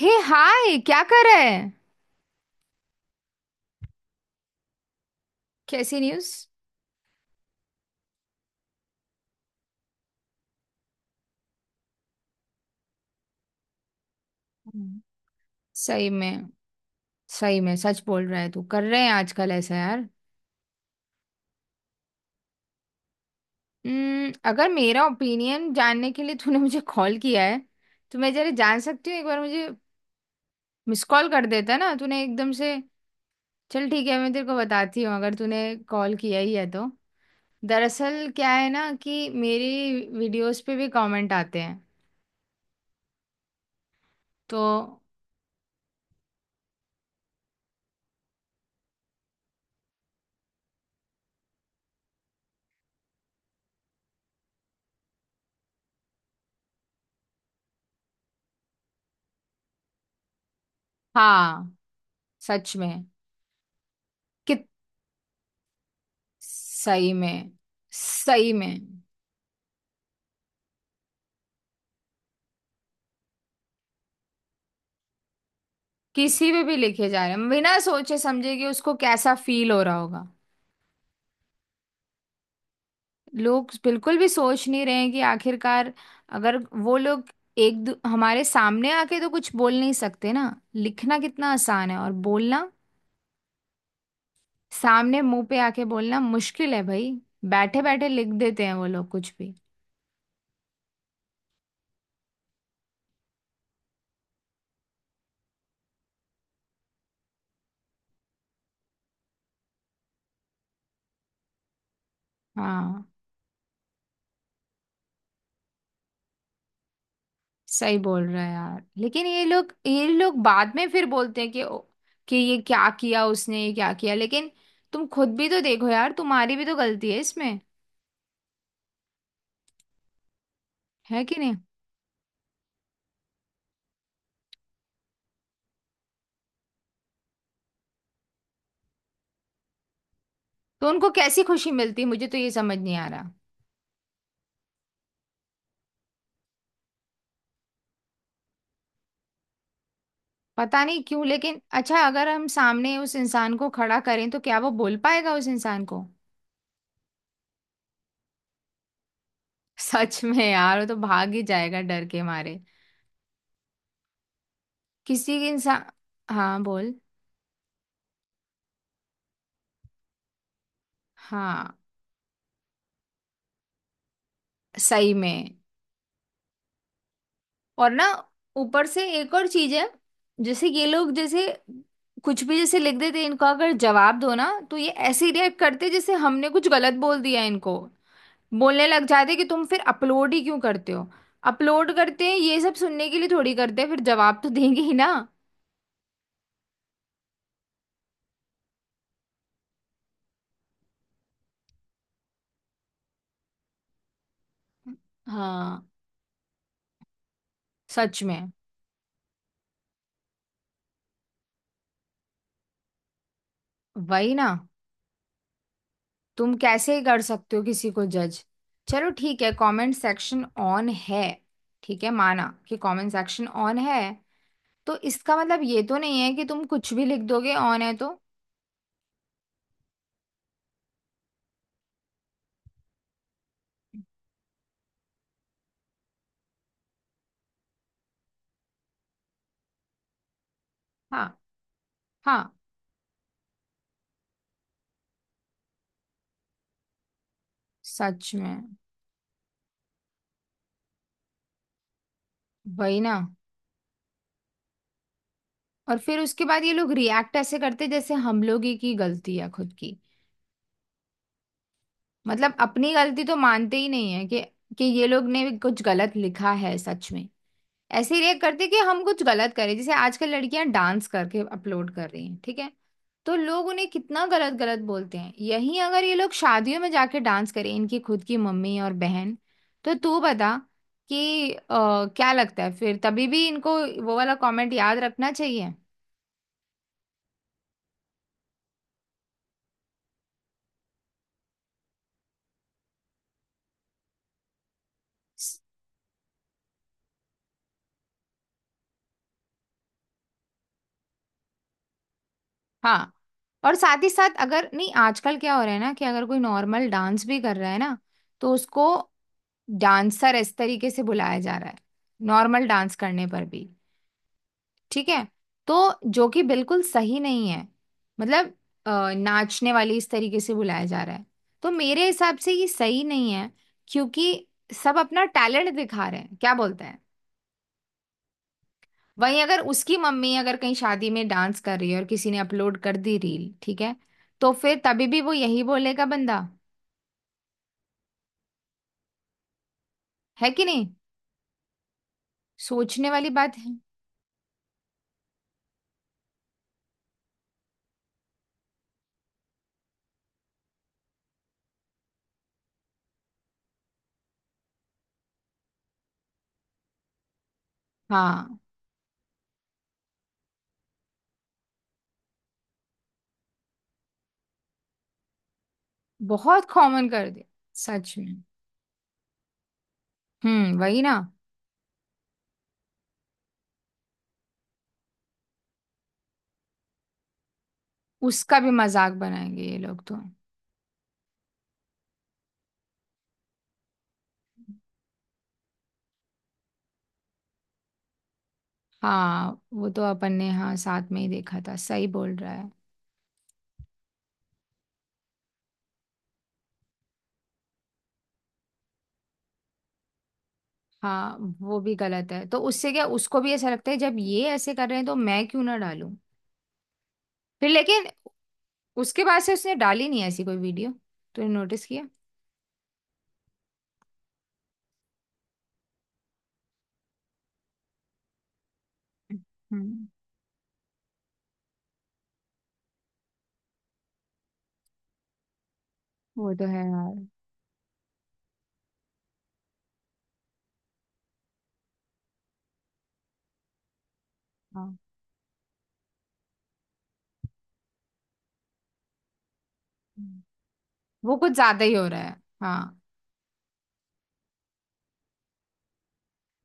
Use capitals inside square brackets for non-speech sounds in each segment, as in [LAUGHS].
हे hi, क्या कर रहा है? कैसी न्यूज़? हम्म। सही में? सही में सच बोल रहा है तू। कर रहे हैं आजकल ऐसा, यार। अगर मेरा ओपिनियन जानने के लिए तूने मुझे कॉल किया है तो मैं जरा जान सकती हूँ एक बार। मुझे मिस कॉल कर देता ना तूने एकदम से। चल, ठीक है, मैं तेरे को बताती हूँ अगर तूने कॉल किया ही है तो। दरअसल क्या है ना कि मेरी वीडियोस पे भी कमेंट आते हैं। तो हाँ, सच में। कित सही में। सही में। किसी पे भी लिखे जा रहे हैं बिना सोचे समझे कि उसको कैसा फील हो रहा होगा। लोग बिल्कुल भी सोच नहीं रहे हैं कि आखिरकार अगर वो लोग हमारे सामने आके तो कुछ बोल नहीं सकते ना। लिखना कितना आसान है और बोलना सामने मुंह पे आके बोलना मुश्किल है, भाई। बैठे बैठे लिख देते हैं वो लोग कुछ भी। हाँ, सही बोल रहा है यार। लेकिन ये लोग बाद में फिर बोलते हैं कि कि ये क्या किया उसने, ये क्या किया। लेकिन तुम खुद भी तो देखो यार, तुम्हारी भी तो गलती है इसमें। है कि नहीं? तो उनको कैसी खुशी मिलती, मुझे तो ये समझ नहीं आ रहा। पता नहीं क्यों, लेकिन अच्छा, अगर हम सामने उस इंसान को खड़ा करें तो क्या वो बोल पाएगा उस इंसान को? [LAUGHS] सच में यार, वो तो भाग ही जाएगा डर के मारे। किसी के इंसान। हाँ, बोल। हाँ, सही में। और ना, ऊपर से एक और चीज है। जैसे ये लोग जैसे कुछ भी जैसे लिख देते, इनको अगर जवाब दो ना तो ये ऐसे रिएक्ट करते जैसे हमने कुछ गलत बोल दिया। इनको बोलने लग जाते हैं कि तुम फिर अपलोड ही क्यों करते हो। अपलोड करते हैं ये सब सुनने के लिए थोड़ी करते हैं, फिर जवाब तो देंगे ही ना। हाँ, सच में। वही ना। तुम कैसे कर सकते हो किसी को जज? चलो ठीक है, कमेंट सेक्शन ऑन है। ठीक है, माना कि कमेंट सेक्शन ऑन है। तो इसका मतलब ये तो नहीं है कि तुम कुछ भी लिख दोगे, ऑन है तो। हाँ, हाँ। सच में। वही ना। और फिर उसके बाद ये लोग रिएक्ट ऐसे करते जैसे हम लोग ही की गलती है खुद की। मतलब अपनी गलती तो मानते ही नहीं है कि ये लोग ने भी कुछ गलत लिखा है। सच में। ऐसे ही रिएक्ट करते कि हम कुछ गलत करें। जैसे आजकल लड़कियां डांस करके अपलोड कर रही हैं, ठीक है। तो लोग उन्हें कितना गलत गलत बोलते हैं। यहीं अगर ये लोग शादियों में जाके डांस करें इनकी खुद की मम्मी और बहन। तो तू बता कि क्या लगता है फिर, तभी भी इनको वो वाला कमेंट याद रखना चाहिए? हाँ। और साथ ही साथ अगर, नहीं, आजकल क्या हो रहा है ना कि अगर कोई नॉर्मल डांस भी कर रहा है ना तो उसको डांसर इस तरीके से बुलाया जा रहा है नॉर्मल डांस करने पर भी। ठीक है। तो जो कि बिल्कुल सही नहीं है। मतलब नाचने वाली इस तरीके से बुलाया जा रहा है। तो मेरे हिसाब से ये सही नहीं है, क्योंकि सब अपना टैलेंट दिखा रहे हैं, क्या बोलते हैं। वहीं अगर उसकी मम्मी अगर कहीं शादी में डांस कर रही है और किसी ने अपलोड कर दी रील, ठीक है, तो फिर तभी भी वो यही बोलेगा बंदा। है कि नहीं? सोचने वाली बात है। हाँ, बहुत कॉमन कर दिया। सच में। हम्म। वही ना। उसका भी मजाक बनाएंगे ये लोग तो। हाँ, वो तो अपन ने, हाँ, साथ में ही देखा था, सही बोल रहा है। हाँ, वो भी गलत है तो उससे क्या, उसको भी ऐसा लगता है जब ये ऐसे कर रहे हैं तो मैं क्यों ना डालूं। फिर लेकिन उसके बाद से उसने डाली नहीं ऐसी कोई वीडियो। तूने नोटिस किया? हम्म वो तो है यार। हाँ। हम्म। वो कुछ ज्यादा ही हो रहा है। हाँ,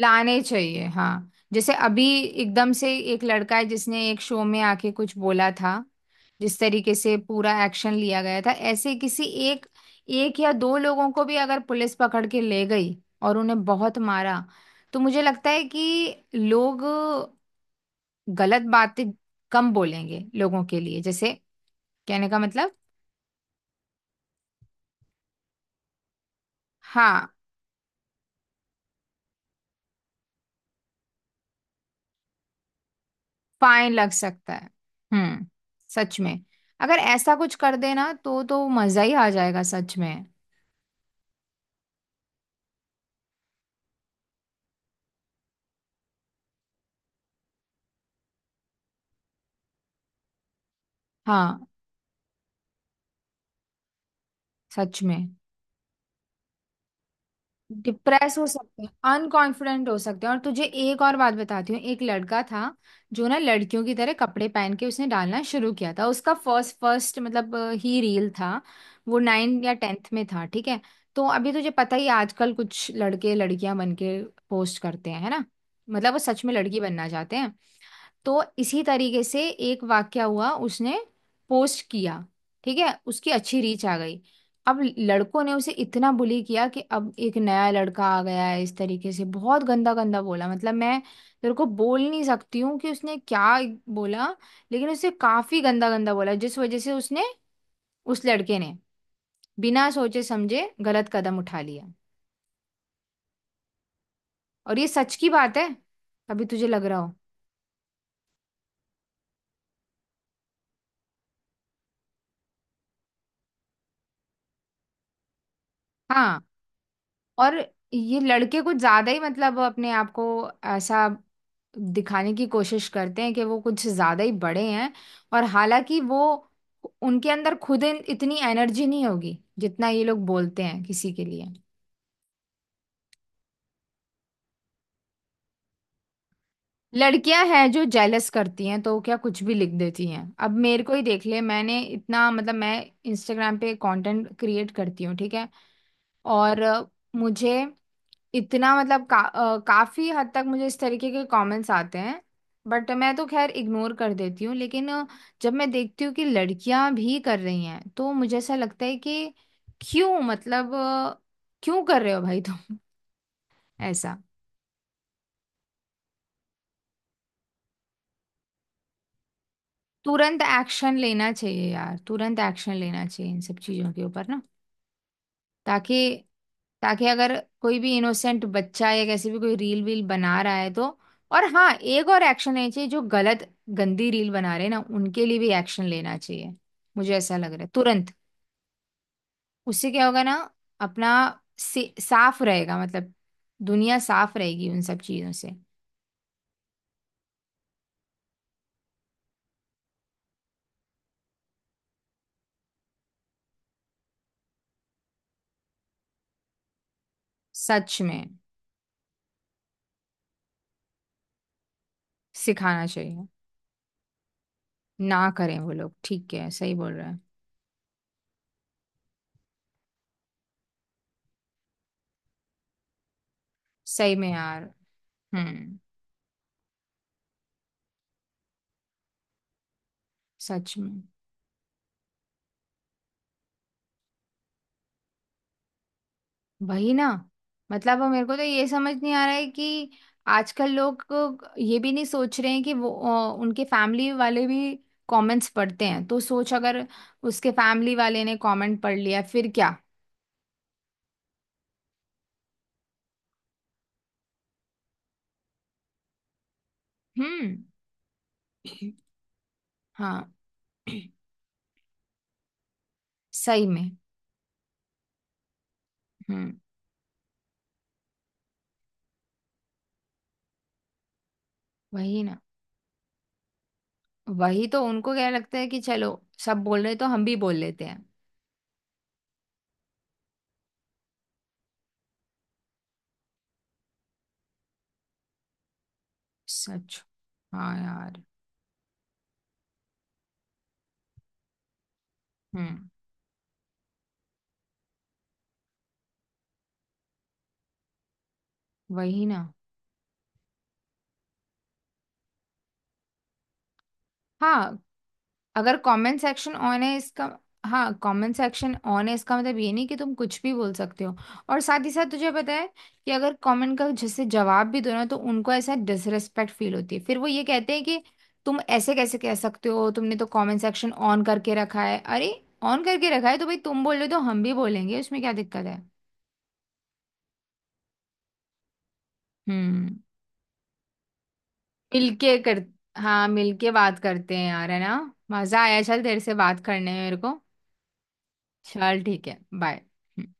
लाने चाहिए। हाँ, जैसे अभी एकदम से एक लड़का है जिसने एक शो में आके कुछ बोला था, जिस तरीके से पूरा एक्शन लिया गया था ऐसे किसी एक, एक या दो लोगों को भी अगर पुलिस पकड़ के ले गई और उन्हें बहुत मारा तो मुझे लगता है कि लोग गलत बातें कम बोलेंगे लोगों के लिए। जैसे कहने का मतलब। हाँ, फाइन लग सकता है। हम्म। सच में। अगर ऐसा कुछ कर देना तो मजा ही आ जाएगा, सच में। हाँ, सच में। डिप्रेस हो सकते हैं, अनकॉन्फिडेंट हो सकते हैं। और तुझे एक और बात बताती हूँ, एक लड़का था जो ना लड़कियों की तरह कपड़े पहन के उसने डालना शुरू किया था। उसका फर्स्ट फर्स्ट मतलब ही रील था। वो 9 या 10th में था, ठीक है। तो अभी तुझे पता ही है, आजकल कुछ लड़के लड़कियां बन के पोस्ट करते हैं, है ना? मतलब वो सच में लड़की बनना चाहते हैं। तो इसी तरीके से एक वाक्या हुआ। उसने पोस्ट किया, ठीक है, उसकी अच्छी रीच आ गई। अब लड़कों ने उसे इतना बुली किया कि अब एक नया लड़का आ गया है इस तरीके से बहुत गंदा गंदा बोला। मतलब मैं तेरे को बोल नहीं सकती हूँ कि उसने क्या बोला। लेकिन उसने काफी गंदा गंदा बोला जिस वजह से उसने, उस लड़के ने बिना सोचे समझे गलत कदम उठा लिया। और ये सच की बात है। अभी तुझे लग रहा हो, हाँ। और ये लड़के कुछ ज्यादा ही, मतलब अपने आप को ऐसा दिखाने की कोशिश करते हैं कि वो कुछ ज्यादा ही बड़े हैं। और हालांकि वो उनके अंदर खुद इतनी एनर्जी नहीं होगी जितना ये लोग बोलते हैं किसी के लिए। लड़कियां हैं जो जेलस करती हैं तो क्या कुछ भी लिख देती हैं। अब मेरे को ही देख ले, मैंने इतना मतलब, मैं इंस्टाग्राम पे कंटेंट क्रिएट करती हूँ, ठीक है। और मुझे इतना मतलब काफी हद तक मुझे इस तरीके के कमेंट्स आते हैं। बट मैं तो खैर इग्नोर कर देती हूँ। लेकिन जब मैं देखती हूँ कि लड़कियां भी कर रही हैं तो मुझे ऐसा लगता है कि क्यों, मतलब क्यों कर रहे हो भाई तुम? [LAUGHS] ऐसा। तुरंत एक्शन लेना चाहिए यार, तुरंत एक्शन लेना चाहिए इन सब चीजों के ऊपर ना। ताकि ताकि अगर कोई भी इनोसेंट बच्चा या कैसे भी कोई रील वील बना रहा है तो। और हाँ, एक और एक्शन लेना चाहिए, जो गलत गंदी रील बना रहे हैं ना, उनके लिए भी एक्शन लेना चाहिए। मुझे ऐसा लग रहा है तुरंत। उससे क्या होगा ना, अपना साफ रहेगा, मतलब दुनिया साफ रहेगी उन सब चीजों से। सच में। सिखाना चाहिए। ना करें वो लोग, ठीक है, सही बोल रहा है। सही में यार। हम्म सच में। वही ना। मतलब मेरे को तो ये समझ नहीं आ रहा है कि आजकल लोग को ये भी नहीं सोच रहे हैं कि वो उनके फैमिली वाले भी कमेंट्स पढ़ते हैं, तो सोच अगर उसके फैमिली वाले ने कमेंट पढ़ लिया फिर क्या। हम्म। हाँ। सही में। हम्म वही ना। वही तो, उनको क्या लगता है कि चलो, सब बोल रहे तो हम भी बोल लेते हैं। सच। हाँ यार। हम्म वही ना। हाँ, अगर कमेंट सेक्शन ऑन है इसका, हाँ कमेंट सेक्शन ऑन है इसका मतलब ये नहीं कि तुम कुछ भी बोल सकते हो। और साथ ही साथ तुझे पता है कि अगर कमेंट का जैसे जवाब भी दो ना तो उनको ऐसा डिसरेस्पेक्ट फील होती है, फिर वो ये कहते हैं कि तुम ऐसे कैसे कह सकते हो, तुमने तो कमेंट सेक्शन ऑन करके रखा है। अरे, ऑन करके रखा है तो भाई, तुम बोल रहे हो तो हम भी बोलेंगे, उसमें क्या दिक्कत है? हम्म। मिलके कर। हाँ, मिलके बात करते हैं यार, है ना? मजा आया, चल तेरे से बात करने में मेरे को। चल, ठीक है, बाय।